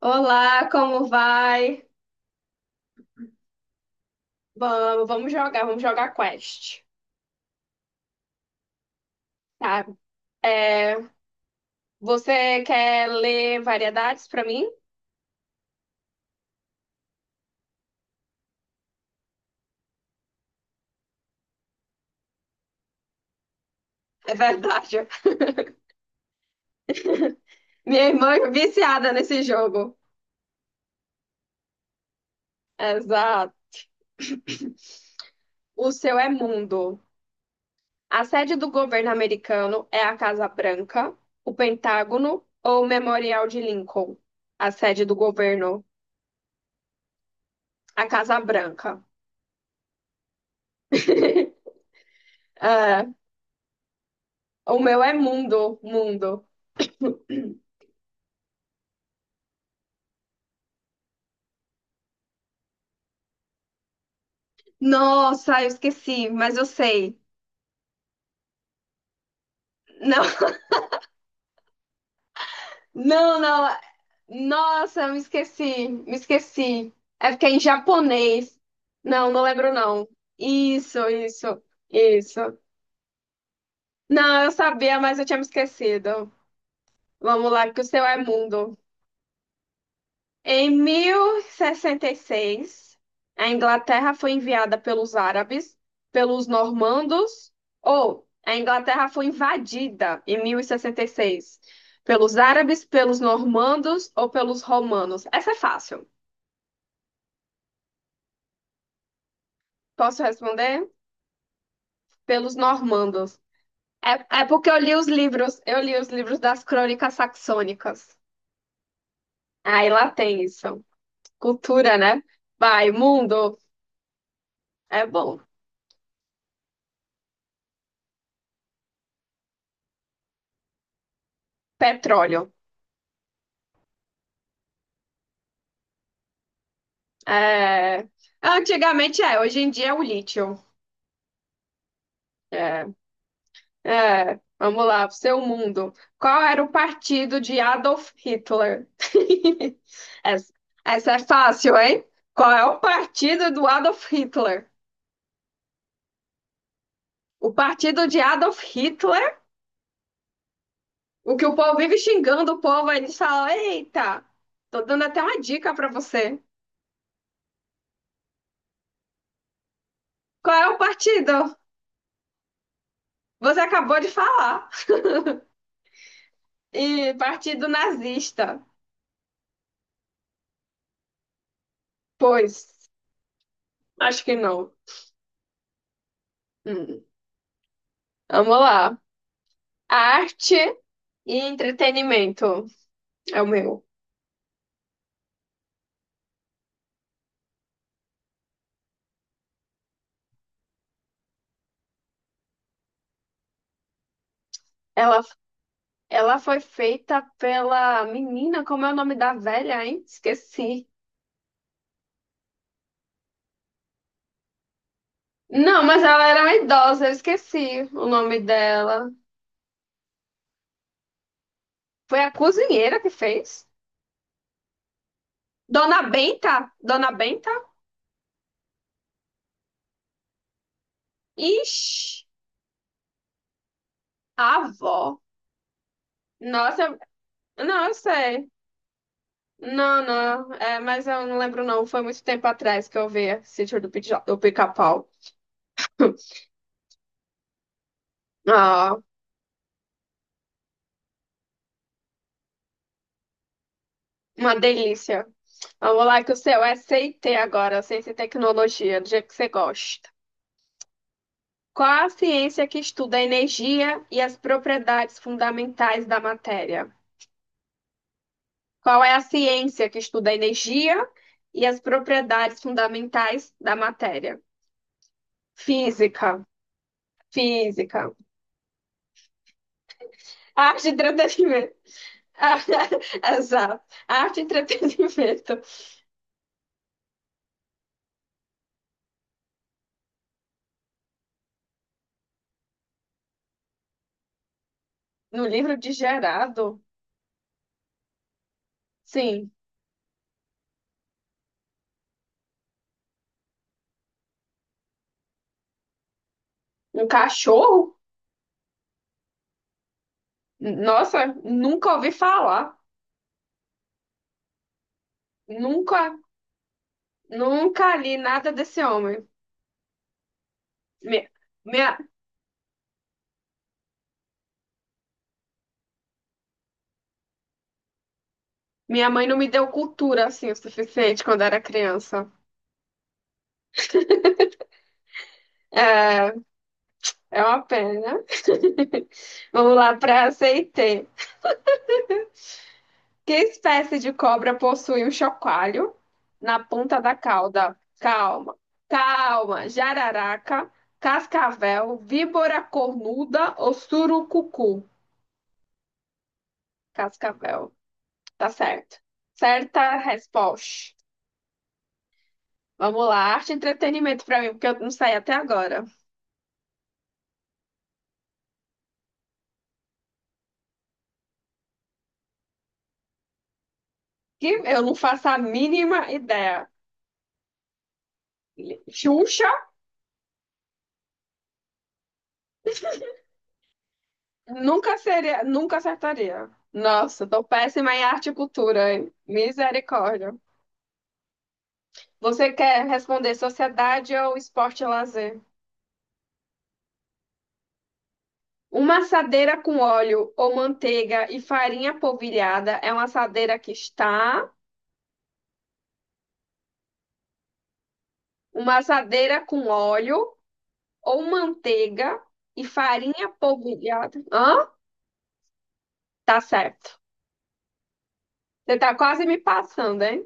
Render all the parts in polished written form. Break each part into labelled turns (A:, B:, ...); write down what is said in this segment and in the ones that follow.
A: Olá, como vai? Vamos, vamos jogar Quest. Tá. É, Você quer ler variedades pra mim? É verdade. Minha irmã é viciada nesse jogo. Exato. O seu é mundo. A sede do governo americano é a Casa Branca, o Pentágono ou o Memorial de Lincoln? A sede do governo, a Casa Branca. É, o meu é mundo, mundo. Nossa, eu esqueci, mas eu sei. Não, não, não. Nossa, eu me esqueci, me esqueci. É porque é em japonês. Não, não lembro não. Isso, isso, isso. Não, eu sabia, mas eu tinha me esquecido. Vamos lá, que o seu é mundo. Em 1066, a Inglaterra foi enviada pelos árabes, pelos normandos, ou a Inglaterra foi invadida em 1066 pelos árabes, pelos normandos ou pelos romanos. Essa é fácil. Posso responder? Pelos normandos. É, é porque eu li os livros, eu li os livros das crônicas saxônicas. Aí lá tem isso. Cultura, né? Vai, mundo. É bom. Petróleo. É, Antigamente é, hoje em dia é o lítio. É, vamos lá, seu mundo. Qual era o partido de Adolf Hitler? Essa, essa é fácil, hein? Qual é o partido do Adolf Hitler? O partido de Adolf Hitler, o que o povo vive xingando o povo, aí eles falam: Eita, tô dando até uma dica pra você. Qual é o partido? Você acabou de falar. E partido nazista. Pois, acho que não. Hum. Vamos lá. Arte e entretenimento é o meu. Ela, ela foi feita pela menina, como é o nome da velha, hein? Esqueci. Não, mas ela era uma idosa, eu esqueci o nome dela. Foi a cozinheira que fez. Dona Benta? Dona Benta? Ixi, a avó. Nossa, não, eu sei. Não, não, é, mas eu não lembro não. Foi muito tempo atrás que eu vi Sítio do Pica- do Pica-Pau. Ah, uma delícia. Vamos lá, que o seu é CT agora, ciência e tecnologia, do jeito que você gosta. Qual a ciência que estuda a energia e as propriedades fundamentais da matéria? Qual é a ciência que estuda a energia e as propriedades fundamentais da matéria? Física, física. Arte e entretenimento. Exato. Arte e entretenimento. No livro de Gerardo, sim. Um cachorro? Nossa, nunca ouvi falar. Nunca, nunca li nada desse homem. Minha, minha, minha mãe não me deu cultura assim o suficiente quando era criança. É, é uma pena. Vamos lá para aceitei. Que espécie de cobra possui um chocalho na ponta da cauda? Calma, calma. Jararaca, cascavel, víbora cornuda ou surucucu? Cascavel. Tá certo. Certa resposta. Vamos lá, arte e entretenimento pra mim, porque eu não sei até agora. Que eu não faço a mínima ideia. Xuxa, nunca seria, nunca acertaria. Nossa, tô péssima em arte e cultura, hein? Misericórdia. Você quer responder sociedade ou esporte e lazer? Uma assadeira com óleo ou manteiga e farinha polvilhada é uma assadeira que está, uma assadeira com óleo ou manteiga e farinha polvilhada. Hã? Tá certo. Você tá quase me passando, hein?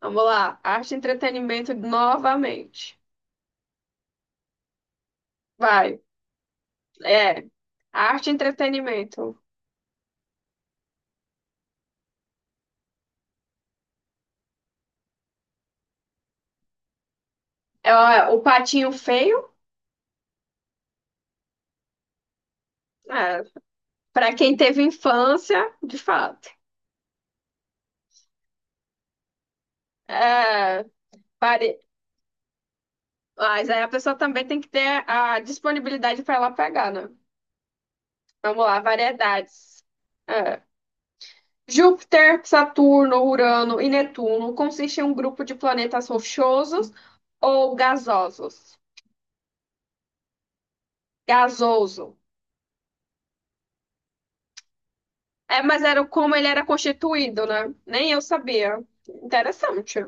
A: Vamos lá. Arte e entretenimento novamente. Vai. É. Arte e entretenimento. É, ó, é o patinho feio. É. Pra quem teve infância, de fato. É, vari- Mas aí a pessoa também tem que ter a disponibilidade para ela pegar, né? Vamos lá, variedades. É. Júpiter, Saturno, Urano e Netuno consiste em um grupo de planetas rochosos ou gasosos. Gasoso. É, mas era como ele era constituído, né? Nem eu sabia. Interessante.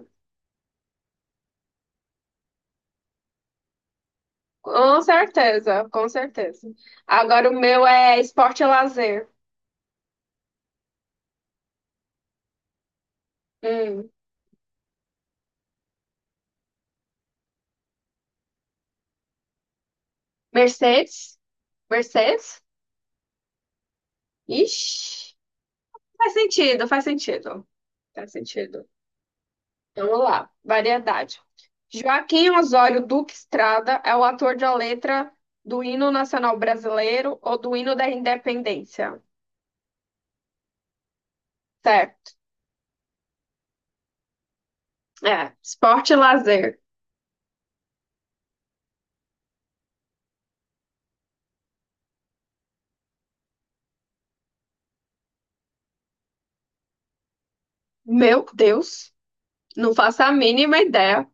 A: Com certeza, com certeza. Agora o meu é esporte e lazer. Hum. Mercedes? Mercedes? Ixi, faz sentido, faz sentido. Faz sentido. Então, vamos lá, variedade. Joaquim Osório Duque Estrada é o ator da letra do hino nacional brasileiro ou do hino da independência. Certo. É, esporte e lazer. Meu Deus. Não faço a mínima ideia.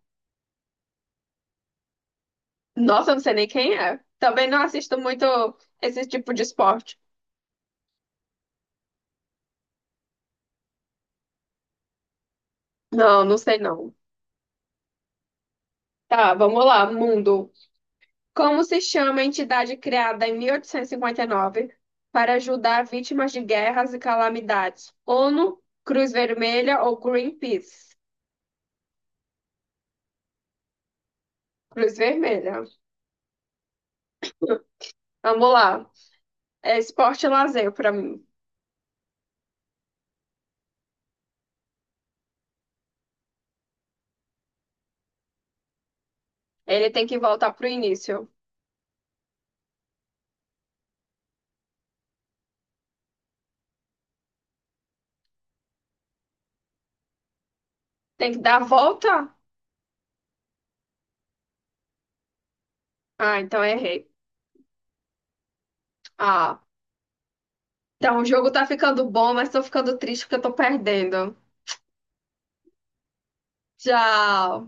A: Nossa, eu não sei nem quem é. Também não assisto muito esse tipo de esporte. Não, não sei não. Tá, vamos lá, mundo. Como se chama a entidade criada em 1859 para ajudar vítimas de guerras e calamidades? ONU, Cruz Vermelha ou Greenpeace? Cruz Vermelha. Vamos lá. É esporte e lazer para mim. Ele tem que voltar pro início. Tem que dar a volta? Ah, então errei. Ah, então, o jogo tá ficando bom, mas tô ficando triste porque eu tô perdendo. Tchau.